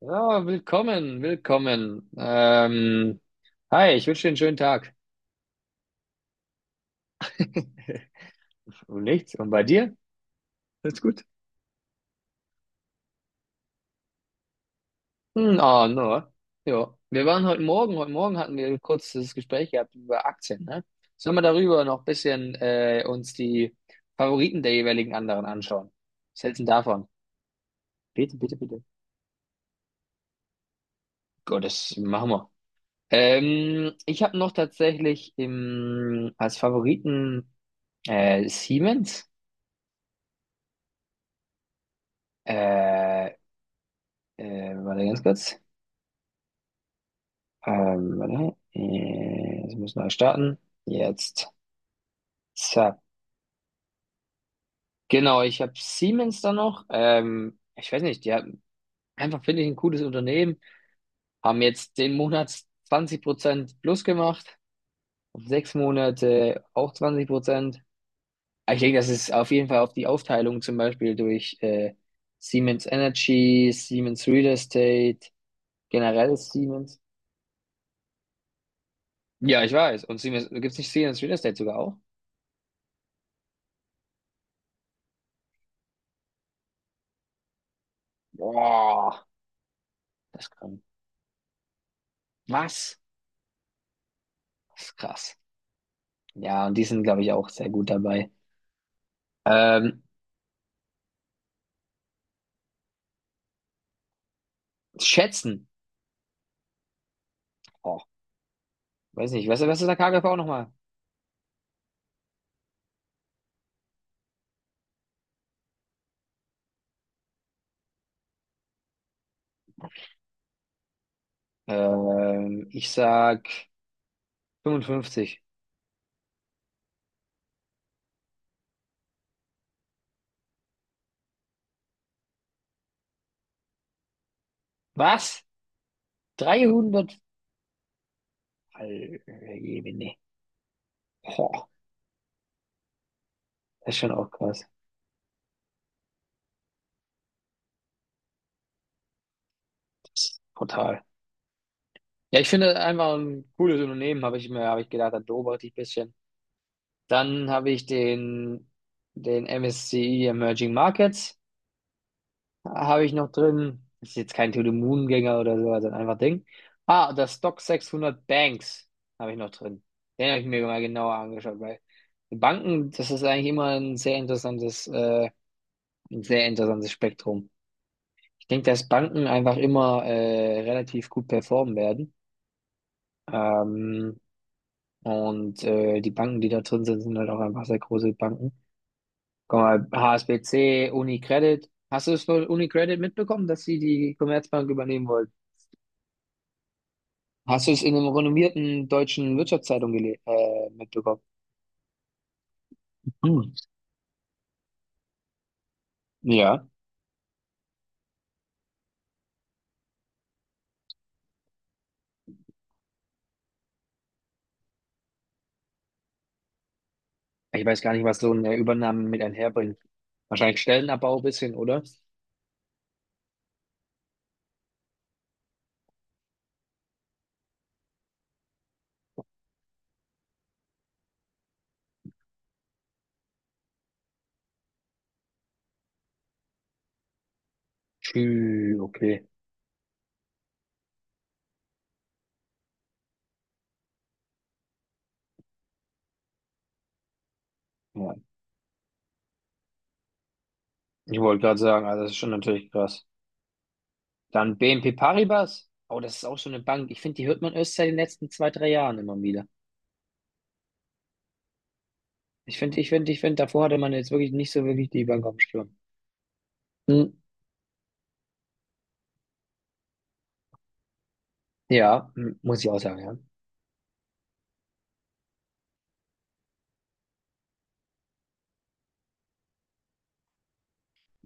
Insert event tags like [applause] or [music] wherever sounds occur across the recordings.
Ja, willkommen, willkommen. Hi, ich wünsche dir einen schönen Tag. [laughs] Und nichts. Und bei dir? Alles gut? Hm, ah, no. Ja, wir waren heute Morgen hatten wir ein kurzes Gespräch gehabt über Aktien, ne? Sollen wir darüber noch ein bisschen uns die Favoriten der jeweiligen anderen anschauen? Was hältst du denn davon? Bitte, bitte, bitte. Gott, das machen wir. Ich habe noch tatsächlich als Favoriten Siemens. Äh, Warte ganz kurz. Warte. Es muss neu starten. Jetzt. Zack. Genau, ich habe Siemens da noch. Ich weiß nicht, die haben einfach, finde ich, ein cooles Unternehmen. Haben jetzt den Monat 20% plus gemacht. Auf 6 Monate auch 20%. Aber ich denke, das ist auf jeden Fall auf die Aufteilung zum Beispiel durch Siemens Energy, Siemens Real Estate, generell Siemens. Ja, ich weiß. Und Siemens, gibt es nicht Siemens Real Estate sogar auch? Boah. Das kann. Was? Das ist krass. Ja, und die sind, glaube ich, auch sehr gut dabei. Ähm, Schätzen. Oh, weiß nicht. Was ist der KGV nochmal? Ich sag 55. Was? 300? Alter. Oh, das ist schon auch krass. Das ist brutal. Ja, ich finde einfach ein cooles Unternehmen, habe ich gedacht, da beobachte ich ein bisschen. Dann habe ich den MSCI Emerging Markets. Habe ich noch drin. Das ist jetzt kein To the Moon Gänger oder so, also einfach Ding. Ah, das Stock 600 Banks habe ich noch drin. Den habe ich mir mal genauer angeschaut, weil die Banken, das ist eigentlich immer ein sehr interessantes Spektrum. Ich denke, dass Banken einfach immer relativ gut performen werden. Ähm, und die Banken, die da drin sind, sind halt auch einfach sehr große Banken. Guck mal, HSBC, UniCredit. Hast du es von UniCredit mitbekommen, dass sie die Commerzbank übernehmen wollten? Hast du es in einem renommierten deutschen Wirtschaftszeitung gele mitbekommen? Hm. Ja. Ich weiß gar nicht, was so eine Übernahme mit einherbringt. Wahrscheinlich Stellenabbau ein bisschen, oder? Tschü, okay. Ja. Ich wollte gerade sagen, also das ist schon natürlich krass. Dann BNP Paribas. Oh, das ist auch so eine Bank. Ich finde, die hört man erst seit den letzten 2, 3 Jahren immer wieder. Ich finde, davor hatte man jetzt wirklich nicht so wirklich die Bank auf dem Schirm. Hm. Ja, muss ich auch sagen, ja.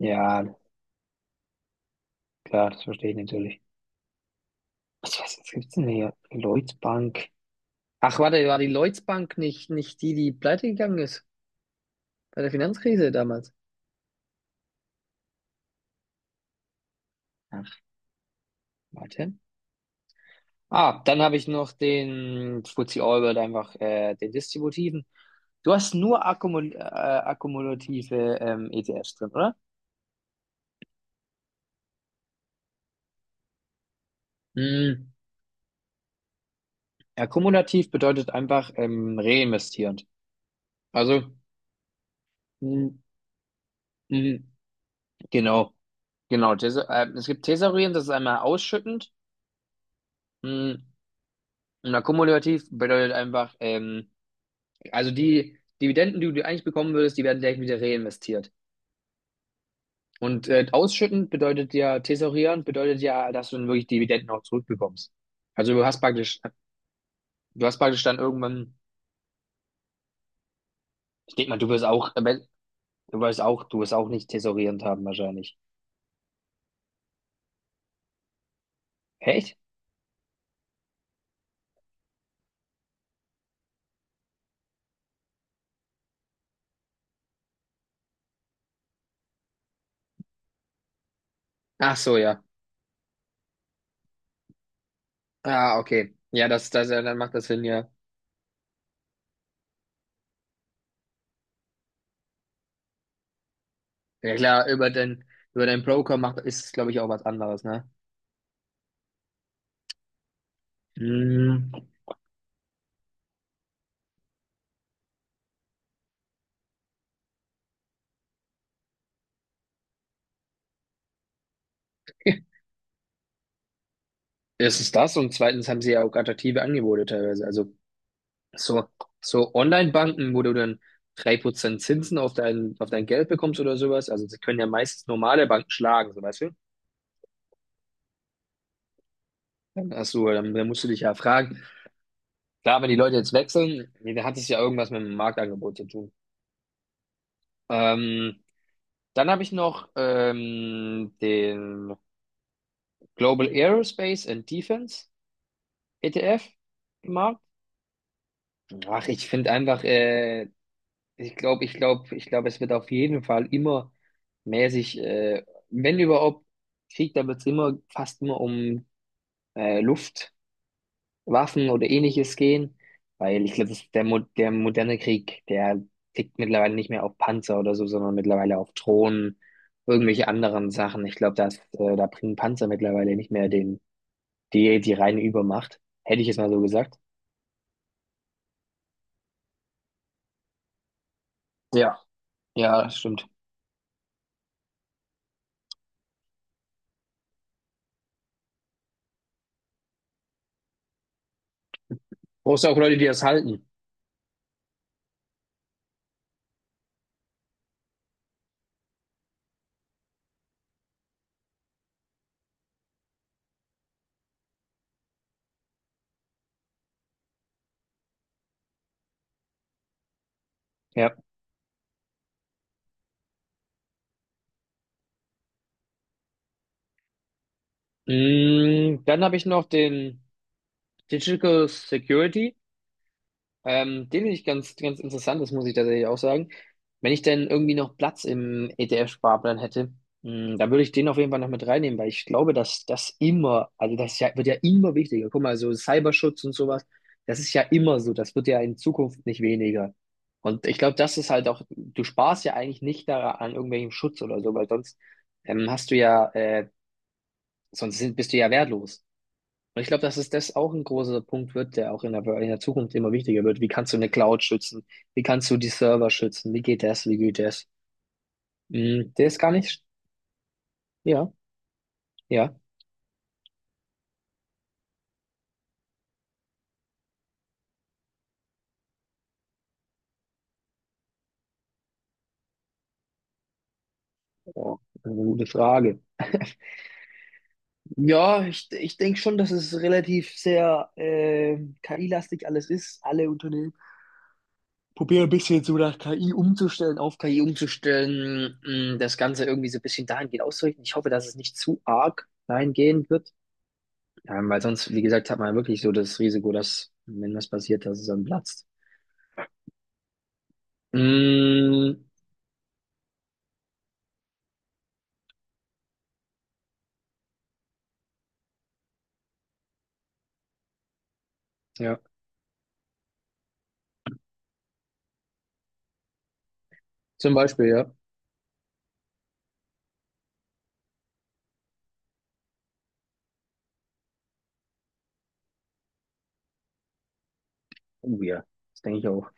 Ja, klar, das verstehe ich natürlich. Was gibt's denn hier? Lloyds Bank. Ach, warte, war die Lloyds Bank nicht die, die pleite gegangen ist bei der Finanzkrise damals? Ach, warte. Ah, dann habe ich noch den FTSE All-World einfach, den distributiven. Du hast nur akkumulative ETFs drin, oder? Hm. Akkumulativ bedeutet einfach reinvestierend. Also, hm, hm, genau, genau. Es gibt thesaurierend, das ist einmal ausschüttend. Hm. Und akkumulativ bedeutet einfach, also die Dividenden, die du eigentlich bekommen würdest, die werden direkt wieder reinvestiert. Und ausschütten bedeutet ja, thesaurieren bedeutet ja, dass du dann wirklich Dividenden auch zurückbekommst. Also du hast praktisch dann irgendwann, ich denke mal, du wirst auch nicht thesaurierend haben wahrscheinlich. Echt? Ach so, ja. Ah, okay. Ja, das, ja, dann macht das Sinn, ja. Ja klar, über den Broker macht, ist es, glaube ich, auch was anderes, ne? Hm. Erstens das und zweitens haben sie ja auch attraktive Angebote teilweise. Also, So, so Online-Banken, wo du dann 3% Zinsen auf dein Geld bekommst oder sowas. Also sie können ja meistens normale Banken schlagen, so weißt du? Dann hast du, dann musst du dich ja fragen. Klar, wenn die Leute jetzt wechseln, nee, dann hat es ja irgendwas mit dem Marktangebot zu tun. Ähm, Dann habe ich noch den Global Aerospace and Defense ETF im Markt. Ach, Ich glaube, es wird auf jeden Fall immer mäßig, wenn überhaupt Krieg, dann wird es immer fast immer um Luftwaffen oder ähnliches gehen, weil ich glaube, das ist der moderne Krieg, der tickt mittlerweile nicht mehr auf Panzer oder so, sondern mittlerweile auf Drohnen, irgendwelche anderen Sachen. Ich glaube, dass da bringen Panzer mittlerweile nicht mehr die reine Übermacht. Hätte ich jetzt mal so gesagt. Ja, ja, stimmt. Brauchst du auch Leute, die das halten. Ja. Dann habe ich noch den Digital Security. Den finde ich ganz, ganz interessant, das muss ich tatsächlich auch sagen. Wenn ich denn irgendwie noch Platz im ETF-Sparplan hätte, dann würde ich den auf jeden Fall noch mit reinnehmen, weil ich glaube, dass das immer, also das ist ja, wird ja immer wichtiger. Guck mal, so Cyberschutz und sowas, das ist ja immer so, das wird ja in Zukunft nicht weniger. Und ich glaube, das ist halt auch, du sparst ja eigentlich nicht daran an irgendwelchem Schutz oder so, weil sonst hast du ja, sonst bist du ja wertlos. Und ich glaube, dass es das auch ein großer Punkt wird, der auch in der Zukunft immer wichtiger wird. Wie kannst du eine Cloud schützen? Wie kannst du die Server schützen? Wie geht das? Wie geht das? Der ist gar nicht. Ja, ja. Oh, eine gute Frage. Ja, ich denke schon, dass es relativ sehr KI-lastig alles ist. Alle Unternehmen probieren ein bisschen so nach KI umzustellen, auf KI umzustellen, das Ganze irgendwie so ein bisschen dahingehend auszurichten. Ich hoffe, dass es nicht zu arg dahingehend wird. Weil sonst, wie gesagt, hat man ja wirklich so das Risiko, dass, wenn was passiert, dass es dann platzt. Mm, ja, zum Beispiel, ja. Oh ja, das denke ich auch.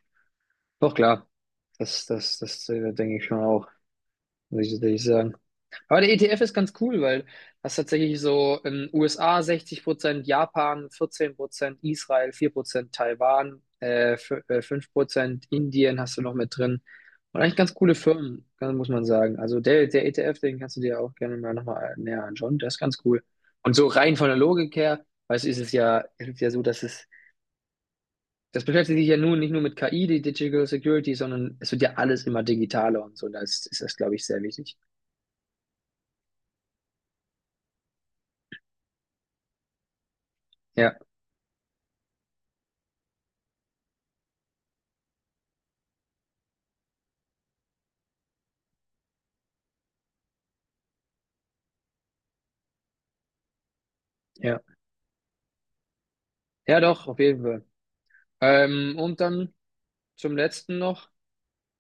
Doch klar, das, denke ich schon auch, muss ich sagen. Aber der ETF ist ganz cool, weil das tatsächlich so in USA 60%, Japan 14%, Israel 4%, Taiwan 5%, Indien hast du noch mit drin. Und eigentlich ganz coole Firmen, muss man sagen. Also der ETF, den kannst du dir auch gerne mal nochmal näher anschauen. Der ist ganz cool. Und so rein von der Logik her, weißt du, ist es ja so, das beschäftigt sich ja nun nicht nur mit KI, die Digital Security, sondern es wird ja alles immer digitaler und so. Da ist das, glaube ich, sehr wichtig. Ja, ja. Ja, doch, auf jeden Fall. Und dann zum letzten noch,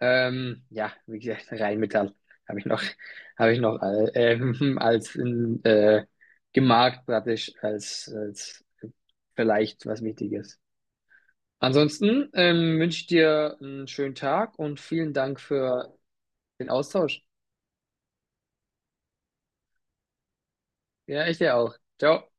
ja, wie gesagt, [laughs] Rheinmetall habe ich noch, habe ich noch [laughs] als äh, gemarkt praktisch als vielleicht was Wichtiges. Ansonsten wünsche ich dir einen schönen Tag und vielen Dank für den Austausch. Ja, ich dir auch. Ciao.